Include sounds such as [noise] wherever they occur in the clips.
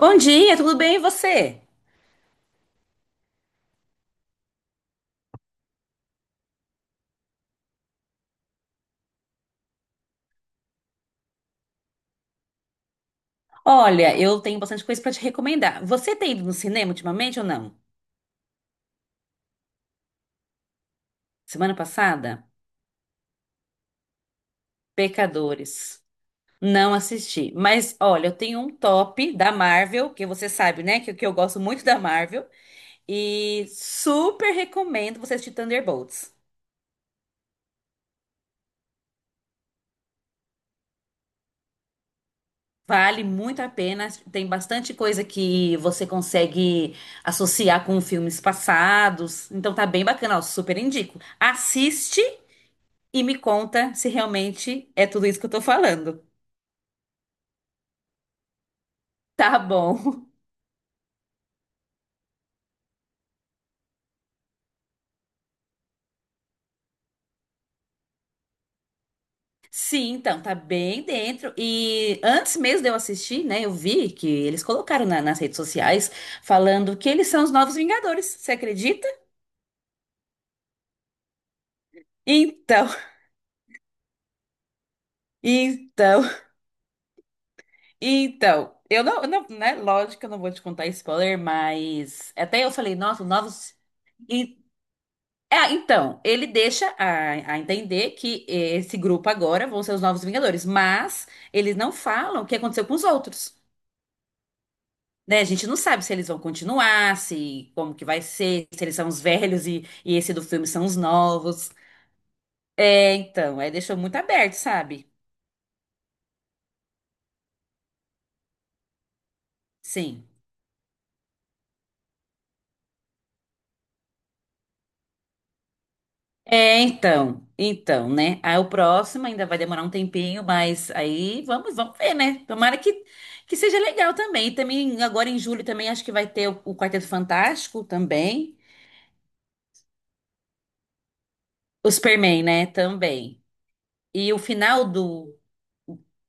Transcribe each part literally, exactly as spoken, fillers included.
Bom dia, tudo bem e você? Olha, eu tenho bastante coisa pra te recomendar. Você tem ido no cinema ultimamente ou não? Semana passada? Pecadores. Não assisti. Mas olha, eu tenho um top da Marvel, que você sabe, né? Que, que eu gosto muito da Marvel. E super recomendo você assistir Thunderbolts. Vale muito a pena. Tem bastante coisa que você consegue associar com filmes passados. Então tá bem bacana, ó, super indico. Assiste e me conta se realmente é tudo isso que eu tô falando. Tá bom. [laughs] Sim, então, tá bem dentro. E antes mesmo de eu assistir, né, eu vi que eles colocaram na- nas redes sociais falando que eles são os novos Vingadores. Você acredita? Então, [laughs] então, então. Eu não, eu não, né? Lógico que eu não vou te contar spoiler, mas até eu falei, nossa, novos. Ah, então, ele deixa a, a entender que esse grupo agora vão ser os novos Vingadores, mas eles não falam o que aconteceu com os outros, né? A gente não sabe se eles vão continuar, se como que vai ser, se eles são os velhos e, e esse do filme são os novos. É, então, aí deixou muito aberto, sabe? Sim. É, então, então, né? Aí o próximo ainda vai demorar um tempinho, mas aí vamos, vamos ver, né? Tomara que, que seja legal também. E também agora em julho também acho que vai ter o, o Quarteto Fantástico também, o Superman, né? Também. E o final do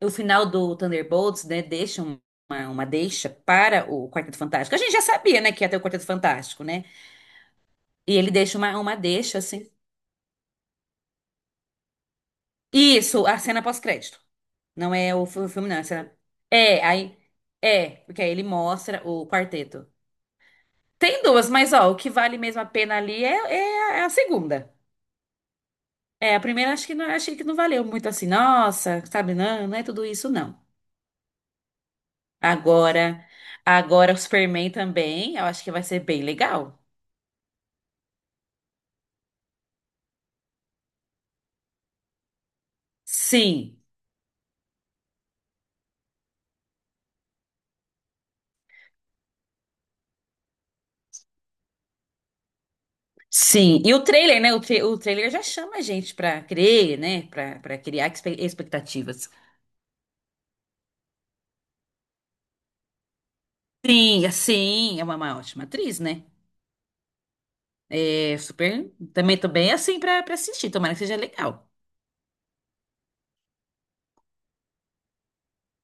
o final do Thunderbolts, né? Deixa um, uma, uma deixa para o Quarteto Fantástico. A gente já sabia, né? Que ia ter o Quarteto Fantástico, né? E ele deixa uma, uma deixa assim. Isso, a cena pós-crédito. Não é o fi- o filme, não. Essa... É, aí. É, porque aí ele mostra o quarteto. Tem duas, mas ó, o que vale mesmo a pena ali é, é, a é a segunda. É, a primeira acho que não, achei que não valeu muito assim. Nossa, sabe? Não, não é tudo isso, não. Agora, agora o Superman também, eu acho que vai ser bem legal. Sim, sim. E o trailer, né? O, tra- o trailer já chama a gente pra crer, né? Pra, pra criar expe- expectativas. Sim, sim, é uma, uma ótima atriz, né? É super. Também tô bem assim pra, pra assistir. Tomara que seja legal.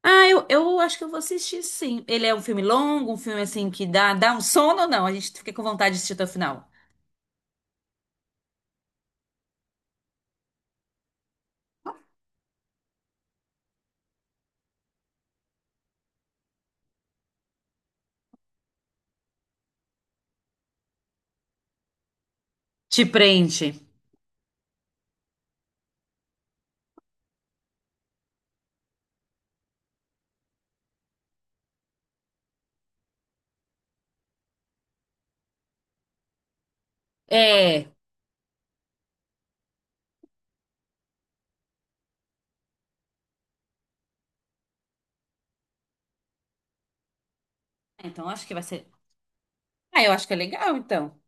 Ah, eu, eu acho que eu vou assistir sim. Ele é um filme longo, um filme assim que dá, dá um sono ou não? A gente fica com vontade de assistir até o final. Te prende. É. Ah, Então acho que vai ser. Ah, eu acho que é legal então.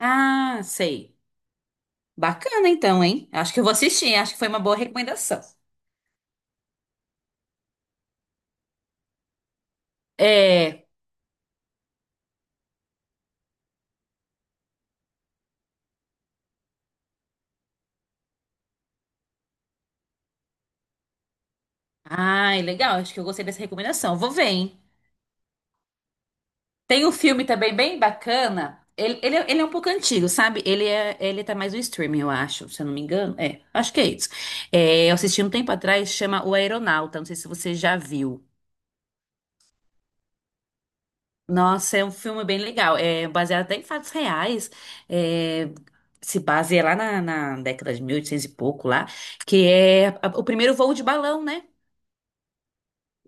Ah, sei. Bacana então, hein? Acho que eu vou assistir. Acho que foi uma boa recomendação. É. Ai, legal. Acho que eu gostei dessa recomendação. Vou ver, hein? Tem um filme também bem bacana. Ele, ele, é- ele é um pouco antigo, sabe? Ele é, ele tá mais no streaming, eu acho, se eu não me engano. É, acho que é isso. É, eu assisti um tempo atrás, chama O Aeronauta. Não sei se você já viu. Nossa, é um filme bem legal. É baseado até em fatos reais. É, se baseia lá na, na década de mil e oitocentos e pouco lá, que é a- o primeiro voo de balão, né?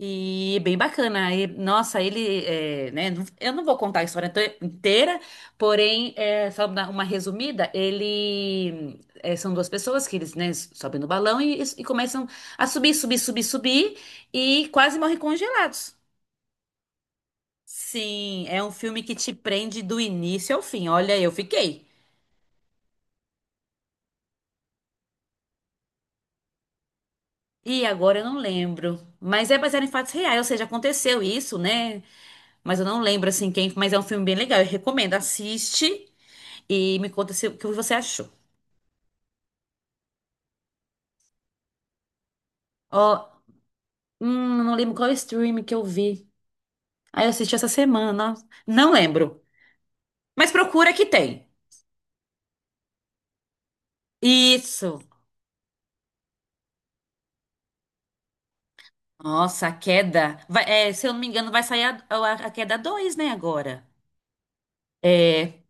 E é bem bacana. E, nossa, ele, é, né? não- Eu não vou contar a história inte- inteira, porém, é, só dar uma resumida. Ele é, são duas pessoas que eles, né, sobem no balão e, e começam a subir, subir, subir, subir e quase morrem congelados. Sim, é um filme que te prende do início ao fim. Olha, eu fiquei. E agora eu não lembro. Mas é baseado em fatos reais, ou seja, aconteceu isso, né? Mas eu não lembro assim quem. Mas é um filme bem legal. Eu recomendo. Assiste. E me conta se, o que você achou. Ó, hum, não lembro qual stream que eu vi. Aí eu assisti essa semana. Não lembro. Mas procura que tem. Isso. Nossa, a queda. Vai- é, se eu não me engano, vai sair a, a- a queda dois, né, agora. É.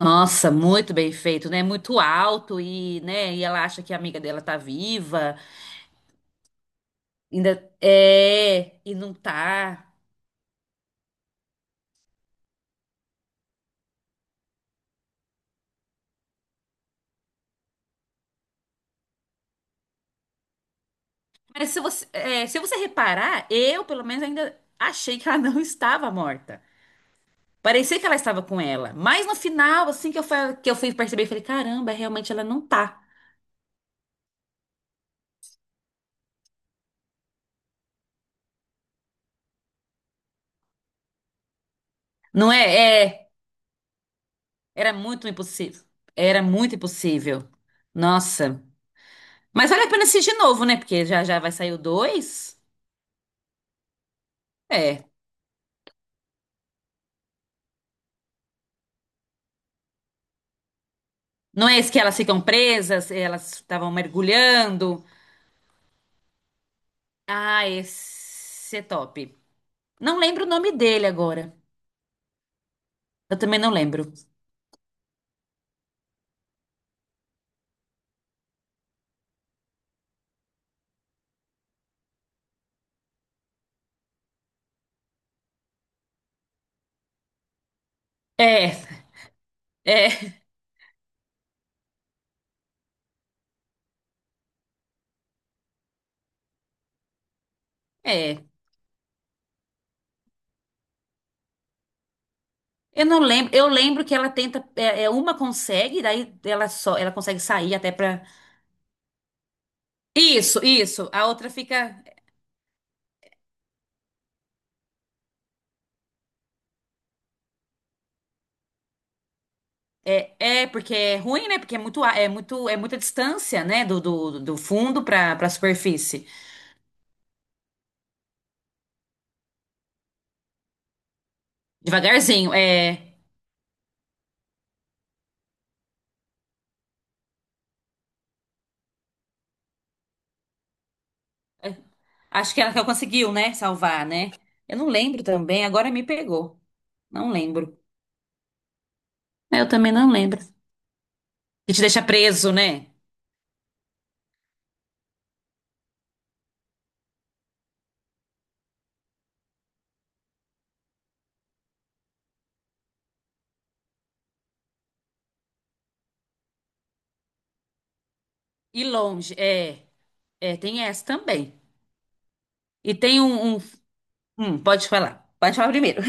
Nossa, muito bem feito, né? Muito alto e, né, e ela acha que a amiga dela tá viva. Ainda é, e não tá. Mas se você, é, se você reparar, eu, pelo menos, ainda achei que ela não [laughs] estava morta. Parecia que ela estava com ela. Mas no final, assim que eu fui, que eu fui perceber, eu falei, caramba, realmente ela não tá. Não é? É, era muito impossível. Era muito impossível. Nossa. Mas vale a pena assistir de novo, né? Porque já já vai sair o dois. É. Não é esse que elas ficam presas, elas estavam mergulhando. Ah, esse é top. Não lembro o nome dele agora. Eu também não lembro. É, é, é. Eu não lembro, eu lembro que ela tenta, é, é, uma consegue, daí ela só, ela consegue sair até pra. Isso, isso. A outra fica. É, é porque é ruim, né? Porque é muito, a- é muito, é muita distância, né? Do, do, do fundo pra para superfície. Devagarzinho. É, é, acho que ela que conseguiu, né? Salvar, né? Eu não lembro também. Agora me pegou. Não lembro. É, Eu também não lembro. Que te deixa preso, né? E longe. É, é. Tem essa também. E tem um, um- hum, pode falar. Pode falar primeiro.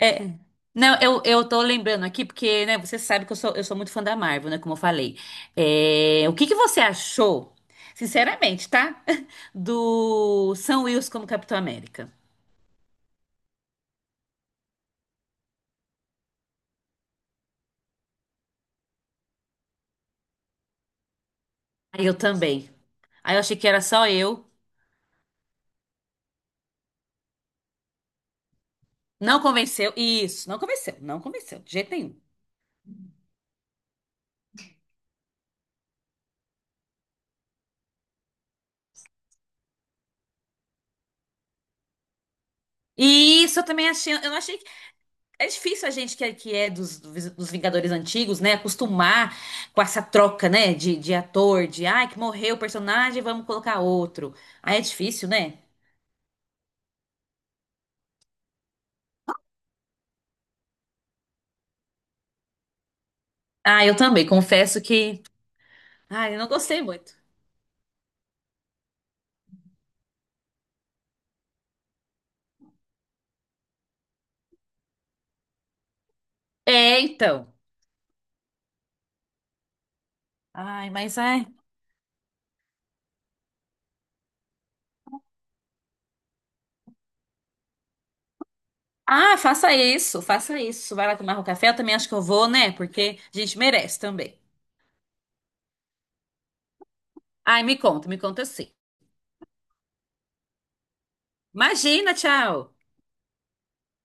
É, não, eu, eu tô lembrando aqui, porque, né, você sabe que eu sou, eu sou muito fã da Marvel, né, como eu falei. É, o que que você achou, sinceramente, tá? [laughs] Do Sam Wilson como Capitão América. Aí eu também. Aí eu achei que era só eu. Não convenceu. Isso, não convenceu, não convenceu, de jeito nenhum. E isso eu também achei, eu não achei É difícil a gente que é, que é dos, dos Vingadores antigos, né, acostumar com essa troca, né, de, de ator, de, ai, que morreu o personagem, vamos colocar outro. Aí é difícil, né? Ah, eu também, confesso que, ai, eu não gostei muito. É, então. Ai, mas ai. Ah, faça isso, faça isso. Vai lá tomar o café, eu também acho que eu vou, né, porque a gente merece também. Ai, me conta, me conta sim. Imagina, tchau.